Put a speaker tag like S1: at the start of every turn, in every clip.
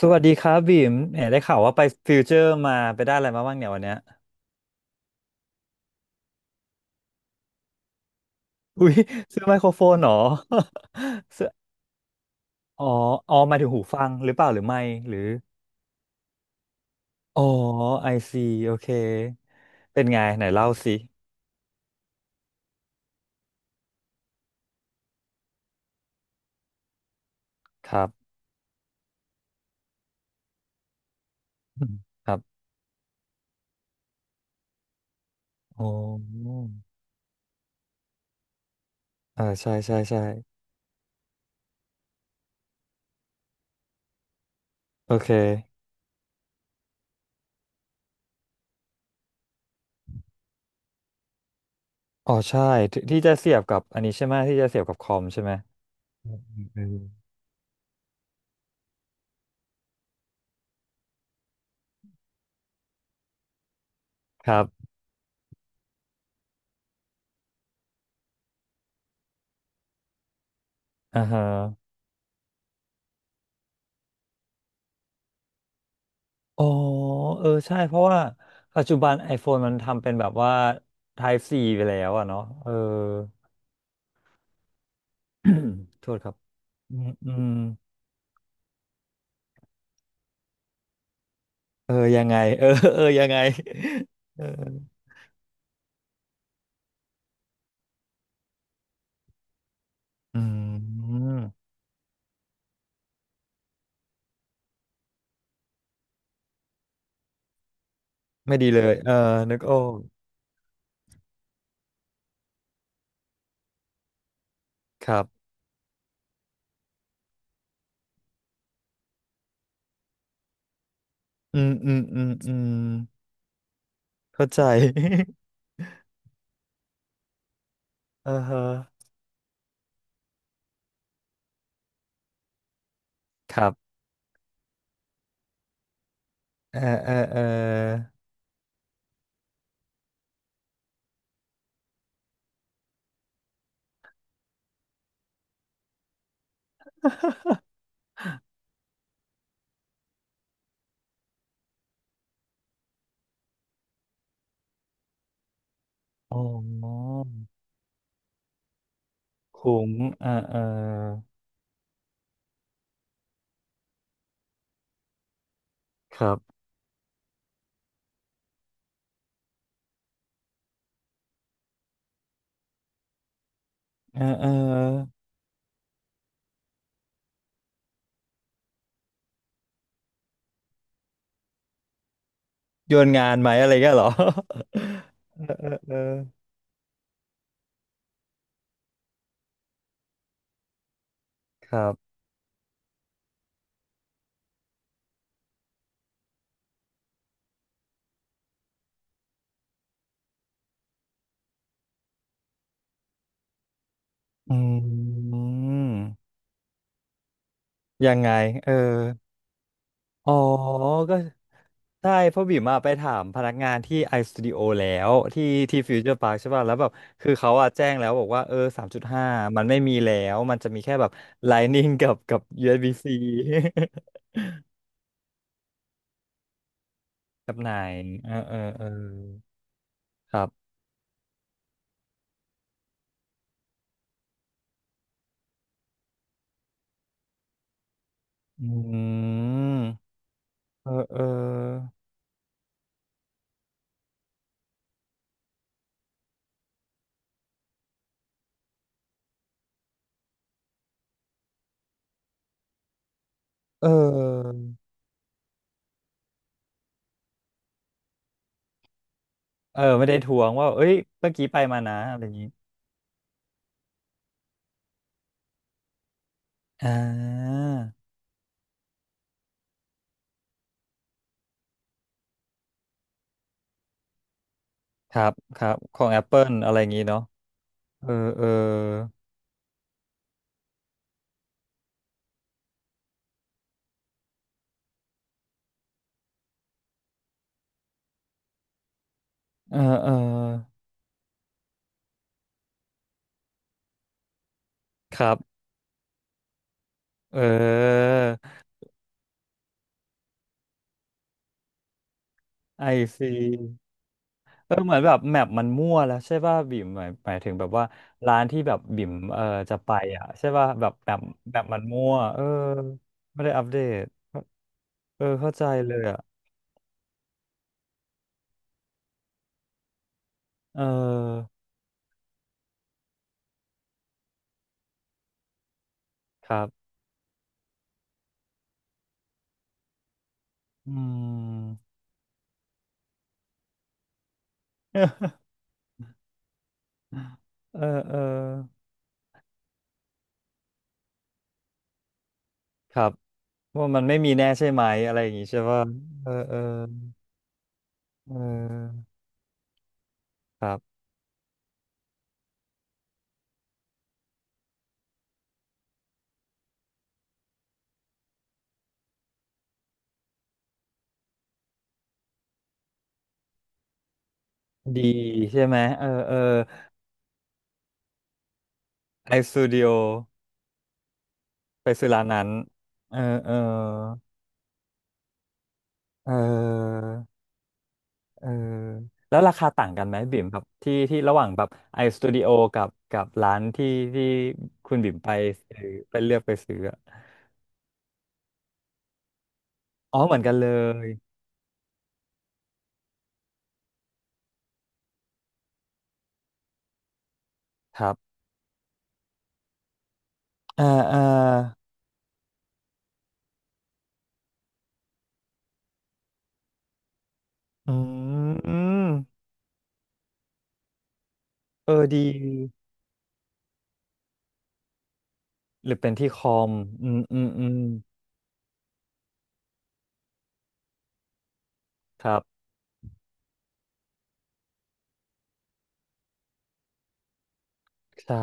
S1: สวัสดีครับบีมแหมได้ข่าวว่าไปฟิวเจอร์มาไปได้อะไรมาบ้างเนี่ยวันเนี้ยอุ้ยซื้อไมโครโฟนเหรอ ซื้ออ๋ออ๋อหมายถึงหูฟังหรือเปล่าหรือไม่หรืออ๋อไอซีโอเคเป็นไงไหนเล่าสิครับ ครับโอ้เออใช่ใช่ใช่โอเคอ๋อใช่ที่ที่จะเสียบกับอันนี้ใช่ไหมที่จะเสียบกับคอมใช่ไหมอืมอืมอืมครับอ่าฮะ อ๋อเออใช่ เพราะว่าปัจจุบัน iPhone มันทำเป็นแบบว่า Type C ไปแล้วอะเนาะเออ โทษครับอืมอืมเออยังไง เออ เออยังไงเอออืมไม่ดีเลยเออนึกออกครับอืมอืมอืมอืมเข้าใจ เออฮะครับเออเออเอออ๋อคุ้มเออเออครับเออเออ โยนงานไหมอะไรเงี้ยเหรอ เออเออเออครับอืมยังไงเอออ๋อ ก็ใช่เพราะบิ่มอะไปถามพนักงานที่ไอสตูดิโอแล้วที่ที่ฟิวเจอร์พาร์คใช่ป่ะแล้วแบบคือเขาอะแจ้งแล้วบอกว่าเออ3.5มันไม่มีแล้ว มันจะมีแค่แบบ Lightning กับ USB-C กับไหนเออเออ เออครับอืมเออเออเออ เออไม่ได้ทวงว่าเอ้ยเมื่อกี้ไปมานะอะไรอย่างนี้อ่าครับครับของ Apple อะไรอย่างนี้เนาะเออเออเออเออครับเออไอซีเออเหมือนแบบแมปมันมั่วแล้วใช่ป่ะบิ่มหมายถึงแบบว่าร้านที่แบบบิ่มเออจะไปอ่ะใช่ป่ะแบบแบบแบบมันมั่วเออไม่ได้อัปเดตเออเข้าใจเลยอ่ะเออครับอืม เออเออครับ ว่ามันไม่มีแน่ใช่ไหมอะไรอย่างงี้ใช่ป่ะเออเออเออครับดีใช่ไหมเออเออไอสตูดิโอไปซื้อร้านนั้นเออเออเออเออแล้วราคาต่างกันไหมบิ่มครับที่ที่ระหว่างแบบไอสตูดิโอกับกับร้านที่ที่คุณบิ่มไปซื้อไปเลือกไปซื้ออะอ๋อเหมือนกันเลยครับเออเอออืมเออดีหรือเป็นที่คอมอืมอืมอืมครับ ใช่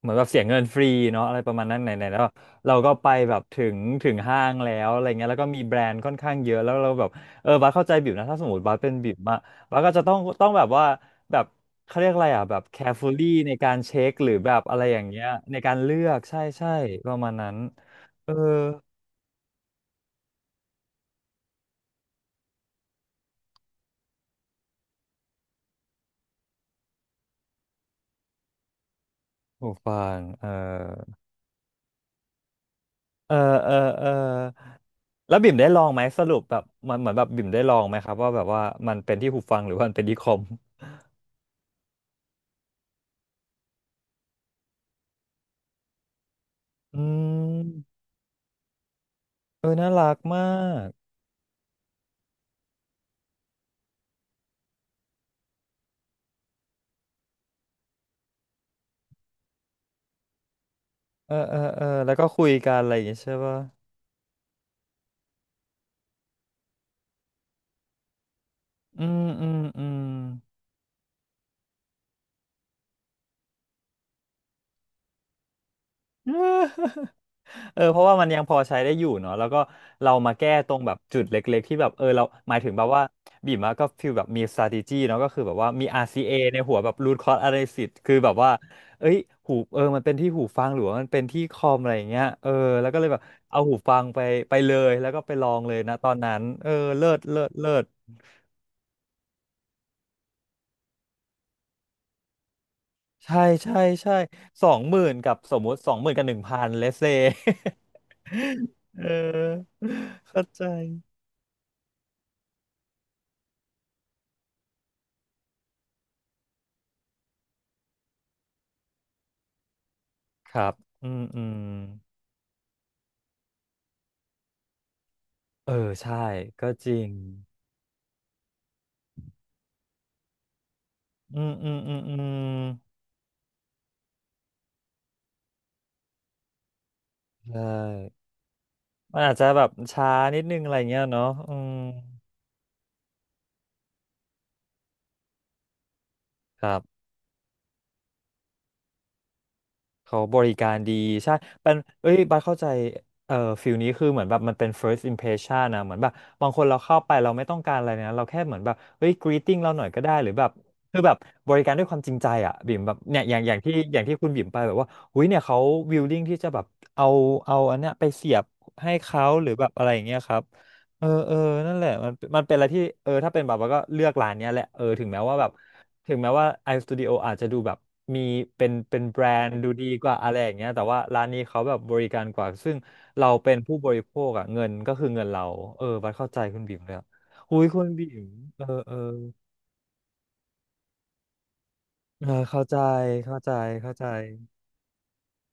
S1: เหมือนแบบเสียเงินฟรีเนาะอะไรประมาณนั้นไหนๆแล้วเราก็ไปแบบถึงถึงห้างแล้วอะไรเงี้ยแล้วก็มีแบรนด์ค่อนข้างเยอะแล้วเราแบบเออบัสเข้าใจบิวนะถ้าสมมติบัสเป็นบิวอะบัสก็จะต้องแบบว่าแบบเขาเรียกอะไรอ่ะแบบ carefully ในการเช็คหรือแบบอะไรอย่างเงี้ยในการเลือกใช่ใช่ประมาณนั้นเออหูฟังเออเออเออเออแล้วบิ่มได้ลองไหมสรุปแบบมันเหมือนแบบบิ่มได้ลองไหมครับว่าแบบว่ามันเป็นที่หูฟังหรือว่ามันเป็นที่คอม อืมเออน่ารักมาก เออเออเออแล้วก็คุยกันอะไรอย่างเงี้ยใช่ป่ะอืมอืมอืม เออเพราะว่ามันยังพอใช้ได้อยู่เนาะแล้วก็เรามาแก้ตรงแบบจุดเล็กๆที่แบบเออเราหมายถึงแบบว่าบีมอะก็ฟีลแบบมี strategy เนาะก็คือแบบว่ามี RCA ในหัวแบบ root cause analysis คือแบบว่าเอ้ยหูเออมันเป็นที่หูฟังหรือว่ามันเป็นที่คอมอะไรอย่างเงี้ยเออแล้วก็เลยแบบเอาหูฟังไปเลยแล้วก็ไปลองเลยนะตอนนั้นเออเลิศเลิศเลิศ ใช่ใช่ใช่20,000กับสมมุติสองหมื่นกับ1,000เลสเซ เออเข้าใจครับอืมอืมเออใช่ก็จริงอืมอืมอืมอืมใช่มันอาจจะแบบช้านิดนึงอะไรเงี้ยเนาะอืมครับ เขาบริการดีใช่เป็นเอ้ยบัสเข้าใจเอ่อฟิลนี้คือเหมือนแบบมันเป็น first impression นะเหมือนแบบบางคนเราเข้าไปเราไม่ต้องการอะไรนะเราแค่เหมือนแบบเฮ้ย greeting เราหน่อยก็ได้หรือแบบคือแบบบริการด้วยความจริงใจอ่ะบิ่มแบบเนี่ยอย่างที่คุณบิ่มไปแบบว่าหุ้ยเนี่ยเขา willing ที่จะแบบเอาเอาอันเนี้ยไปเสียบให้เขาหรือแบบอะไรอย่างเงี้ยครับ เออเออนั่นแหละมันมันเป็นอะไรที่เออถ้าเป็นแบบว่าก็เลือกร้านเนี้ยแหละเออถึงแม้ว่าแบบถึงแม้ว่า iStudio อาจจะดูแบบมีเป็นแบรนด์ดูดีกว่าอะไรอย่างเงี้ยแต่ว่าร้านนี้เขาแบบบริการกว่าซึ่งเราเป็นผู้บริโภคอะเงินก็คือเงินเราเออบัดเข้าใจคุณบิ่มเลยอะคุยคุณบิ่มเออเออเออเข้าใจเข้าใจเข้าใจ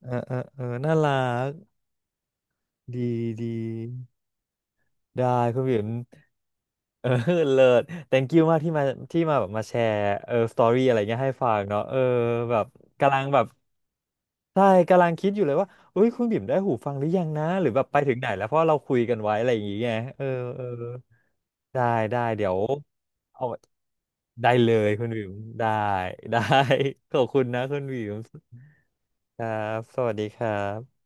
S1: เออเออเออน่ารักดีดีได้คุณบิ่ม เออ เลิศ thank you มากที่มาแบบมาแชร์เออสตอรี่อะไรเงี้ยให้ฟังเนาะเออแบบกำลังแบบใช่กำลังคิดอยู่เลยว่าเอ้ยคุณบิ่มได้หูฟังหรือยังนะหรือแบบไปถึงไหนแล้วเพราะเราคุยกันไว้อะไรอย่างเงี้ยเออเออได้ได้เดี๋ยวเอาไว้ได้เลยคุณบิ่มได้ ได้ ขอบคุณนะคุณบิ่มครับสวัสดีครับ